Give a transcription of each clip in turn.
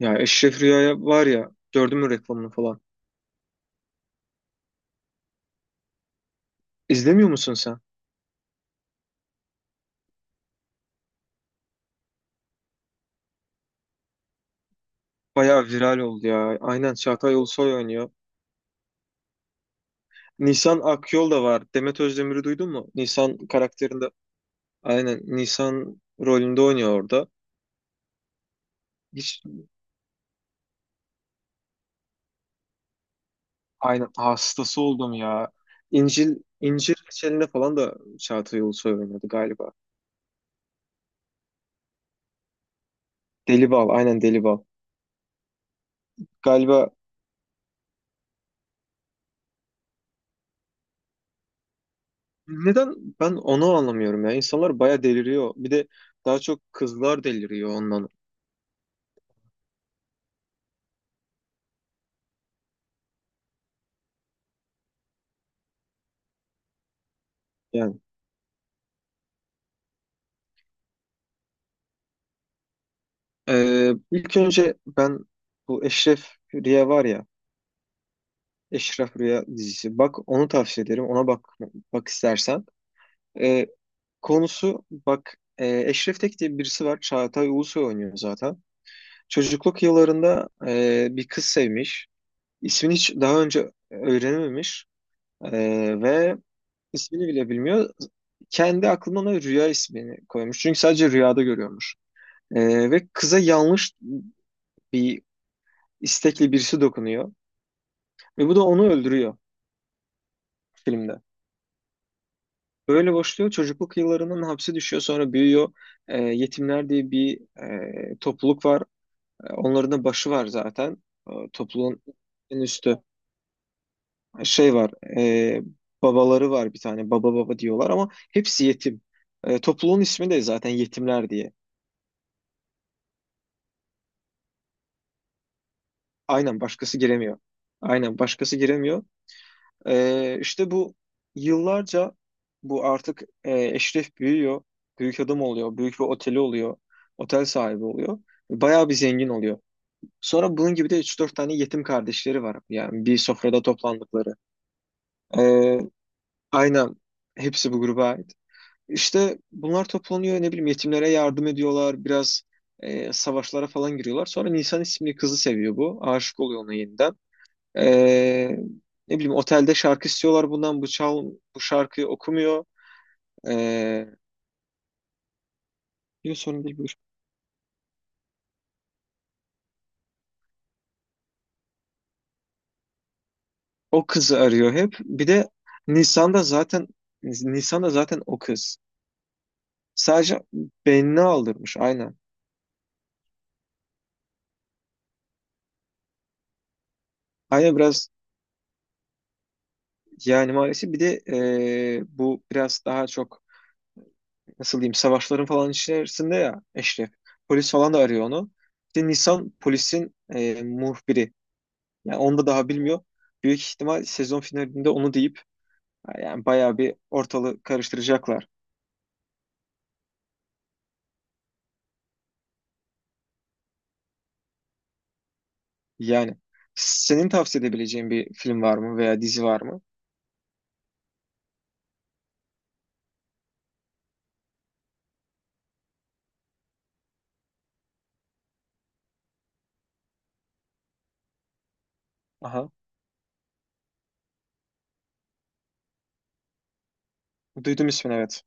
Ya Eşref Rüya'ya var ya gördün mü reklamını falan. İzlemiyor musun sen? Bayağı viral oldu ya. Aynen Çağatay Ulusoy oynuyor. Nisan Akyol da var. Demet Özdemir'i duydun mu? Nisan karakterinde. Aynen Nisan rolünde oynuyor orada. Hiç aynen hastası oldum ya. İncil İncir Reçeli'nde falan da Çağatay Ulusoy oynadı galiba. Deli Bal aynen Deli Bal. Galiba neden Ben onu anlamıyorum ya. İnsanlar bayağı deliriyor. Bir de daha çok kızlar deliriyor ondan. Yani ilk önce ben bu Eşref Rüya var ya, Eşref Rüya dizisi. Bak onu tavsiye ederim. Ona bak istersen. Ee, konusu bak, Eşref Tek diye birisi var. Çağatay Ulusoy oynuyor zaten. Çocukluk yıllarında bir kız sevmiş. İsmini hiç daha önce öğrenememiş. Ve ismini bile bilmiyor. Kendi aklına Rüya ismini koymuş. Çünkü sadece rüyada görüyormuş. Ve kıza yanlış bir istekli birisi dokunuyor. Ve bu da onu öldürüyor filmde. Böyle başlıyor. Çocukluk yıllarından hapse düşüyor. Sonra büyüyor. Yetimler diye bir, topluluk var. Onların da başı var zaten. Topluluğun en üstü. Şey var. e, babaları var bir tane. Baba baba diyorlar ama hepsi yetim. Topluluğun ismi de zaten yetimler diye. Aynen başkası giremiyor. Aynen başkası giremiyor. İşte bu yıllarca bu artık, Eşref büyüyor. Büyük adam oluyor. Büyük bir oteli oluyor. Otel sahibi oluyor. Bayağı bir zengin oluyor. Sonra bunun gibi de üç dört tane yetim kardeşleri var. Yani bir sofrada toplandıkları. Ee, aynen. Hepsi bu gruba ait. İşte bunlar toplanıyor. Ne bileyim yetimlere yardım ediyorlar. Biraz savaşlara falan giriyorlar. Sonra Nisan isimli kızı seviyor bu. Aşık oluyor ona yeniden. Ee, ne bileyim otelde şarkı istiyorlar bundan, bu şarkıyı okumuyor. Ee, diyor sorun değil, buyur. O kızı arıyor hep. Bir de Nisan'da zaten Nisan'da zaten o kız. Sadece beynini aldırmış aynen. Aynen biraz, yani maalesef bir de bu biraz daha çok nasıl diyeyim savaşların falan içerisinde ya Eşref. Polis falan da arıyor onu. İşte Nisan polisin muhbiri. Yani onu da daha bilmiyor. Büyük ihtimal sezon finalinde onu deyip. Yani bayağı bir ortalığı karıştıracaklar. Yani senin tavsiye edebileceğin bir film var mı veya dizi var mı? Aha, duydum ismini, evet.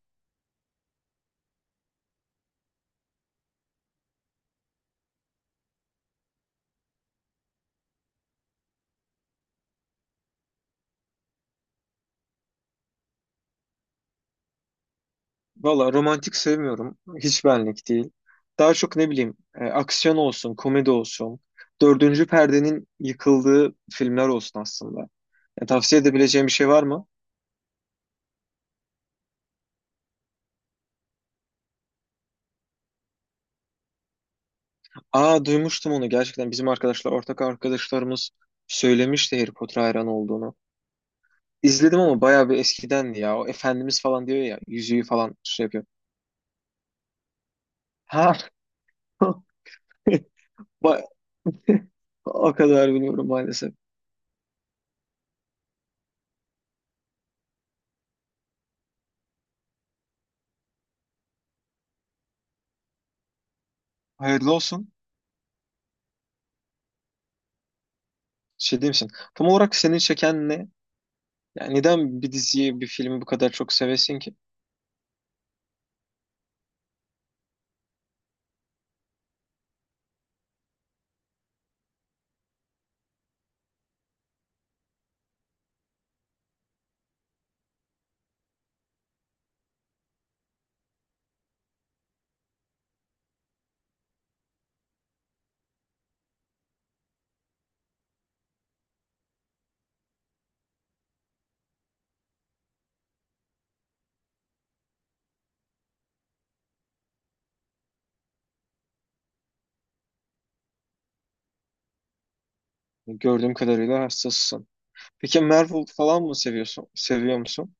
Valla romantik sevmiyorum. Hiç benlik değil. Daha çok ne bileyim, aksiyon olsun, komedi olsun. Dördüncü perdenin yıkıldığı filmler olsun aslında. Yani tavsiye edebileceğim bir şey var mı? Aa, duymuştum onu gerçekten. Bizim arkadaşlar, ortak arkadaşlarımız söylemişti Harry Potter hayranı olduğunu. İzledim ama bayağı bir eskidendi ya. O Efendimiz falan diyor ya. Yüzüğü falan şey yapıyor. Ha. Ba- O kadar bilmiyorum maalesef. Hayırlı olsun. Şey diyeyim misin? Tam olarak seni çeken ne? Yani neden bir diziyi, bir filmi bu kadar çok sevesin ki? Gördüğüm kadarıyla hassasısın. Peki Marvel falan mı seviyorsun? Seviyor musun?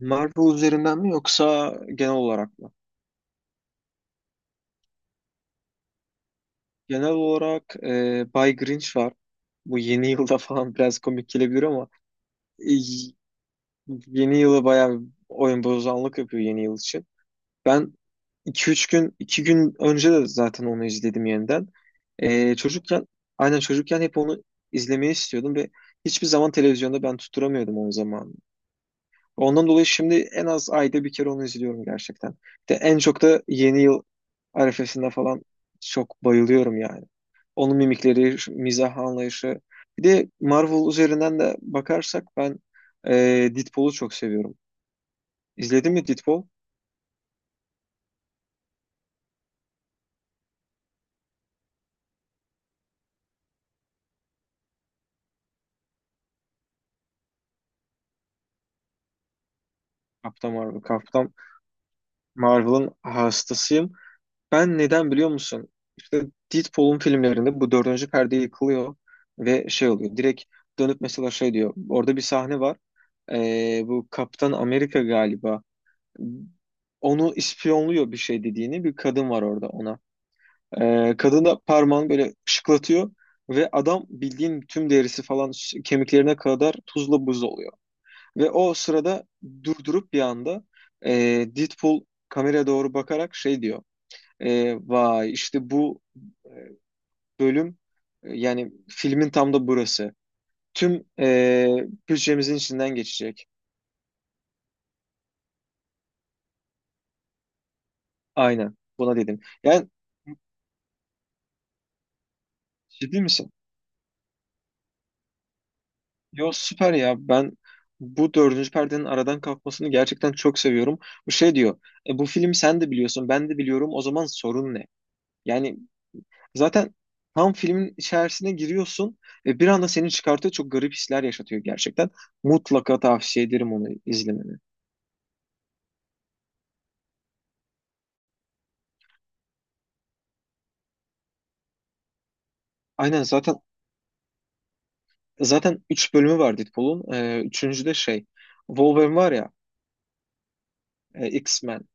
Marvel üzerinden mi, yoksa genel olarak mı? Genel olarak, Bay Grinch var. Bu yeni yılda falan biraz komik gelebilir ama e, yeni yıla bayağı oyun bozanlık yapıyor yeni yıl için. Ben iki üç gün, iki gün önce de zaten onu izledim yeniden. Çocukken, aynen çocukken hep onu izlemeyi istiyordum ve hiçbir zaman televizyonda ben tutturamıyordum onun zamanını. Ondan dolayı şimdi en az ayda bir kere onu izliyorum gerçekten. De en çok da yeni yıl arifesinde falan çok bayılıyorum yani. Onun mimikleri, şu mizah anlayışı. Bir de Marvel üzerinden de bakarsak ben e, Deadpool'u çok seviyorum. İzledin mi Deadpool? Captain Marvel. Captain Marvel'ın hastasıyım. Ben neden biliyor musun? İşte Deadpool'un filmlerinde bu dördüncü perde yıkılıyor ve şey oluyor. Direkt dönüp mesela şey diyor. Orada bir sahne var. Bu Kaptan Amerika galiba. Onu ispiyonluyor bir şey dediğini. Bir kadın var orada ona. Kadın da parmağını böyle şıklatıyor. Ve adam bildiğin tüm derisi falan, kemiklerine kadar tuzla buz oluyor. Ve o sırada durdurup bir anda ee, Deadpool kameraya doğru bakarak şey diyor. Vay işte bu bölüm, yani filmin tam da burası. Tüm bütçemizin içinden geçecek. Aynen buna dedim. Yani ciddi misin? Yo, süper ya, ben bu dördüncü perdenin aradan kalkmasını gerçekten çok seviyorum. Bu şey diyor, bu film sen de biliyorsun, ben de biliyorum, o zaman sorun ne? Yani zaten tam filmin içerisine giriyorsun ve bir anda seni çıkartıyor, çok garip hisler yaşatıyor gerçekten. Mutlaka tavsiye ederim onu izlemeni. Aynen Zaten 3 bölümü var Deadpool'un. Üçüncü de şey. Wolverine var ya, X-Men.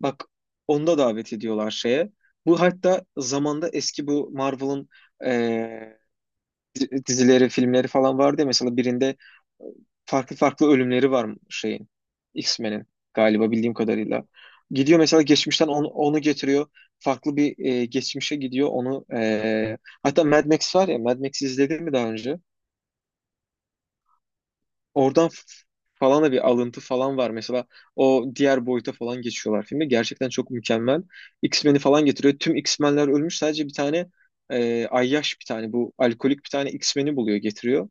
Bak, onda davet ediyorlar şeye. Bu hatta zamanda eski bu Marvel'ın e, dizileri, filmleri falan vardı ya. Mesela birinde e, farklı farklı ölümleri var şeyin. X-Men'in galiba bildiğim kadarıyla. Gidiyor mesela geçmişten onu getiriyor. Farklı bir geçmişe gidiyor onu. Hatta Mad Max var ya. Mad Max'i izledin mi daha önce? Oradan falan da bir alıntı falan var. Mesela o diğer boyuta falan geçiyorlar filmde. Gerçekten çok mükemmel. X-Men'i falan getiriyor. Tüm X-Men'ler ölmüş. Sadece bir tane ayyaş, bir tane bu alkolik, bir tane X-Men'i buluyor getiriyor.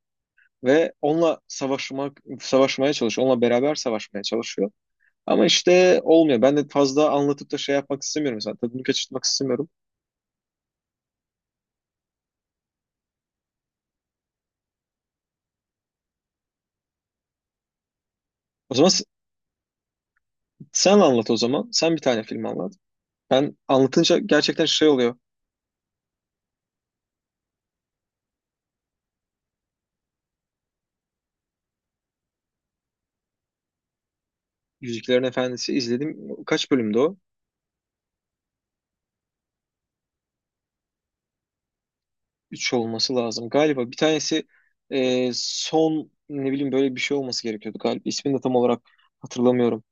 Ve onunla savaşmak, savaşmaya çalışıyor. Onunla beraber savaşmaya çalışıyor. Ama işte olmuyor. Ben de fazla anlatıp da şey yapmak istemiyorum. Mesela tadını kaçırtmak istemiyorum. O zaman sen anlat o zaman. Sen bir tane film anlat. Ben anlatınca gerçekten şey oluyor. Yüzüklerin Efendisi izledim. Kaç bölümdü o? Üç olması lazım. Galiba bir tanesi son ne bileyim, böyle bir şey olması gerekiyordu galiba. İsmini de tam olarak hatırlamıyorum.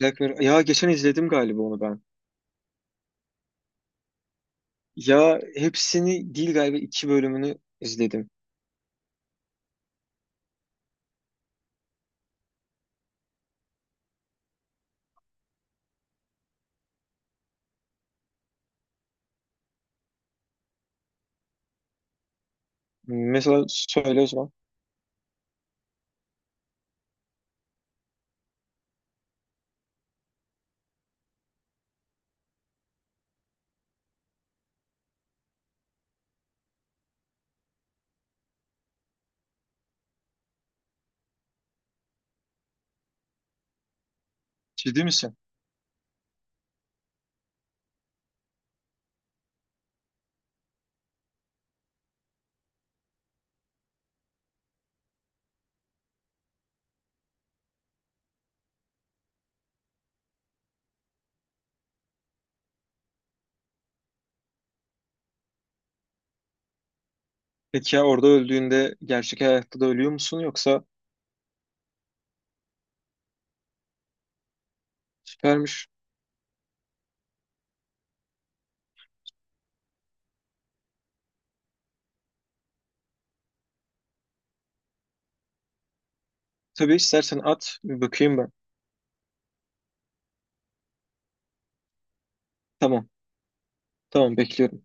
Black Mirror. Ya geçen izledim galiba onu ben. Ya hepsini değil, galiba iki bölümünü izledim. Mesela söyle o zaman. Ciddi misin? Peki ya orada öldüğünde gerçek hayatta da ölüyor musun, yoksa süpermiş. Tabii, istersen at bir bakayım ben. Tamam. Tamam, bekliyorum.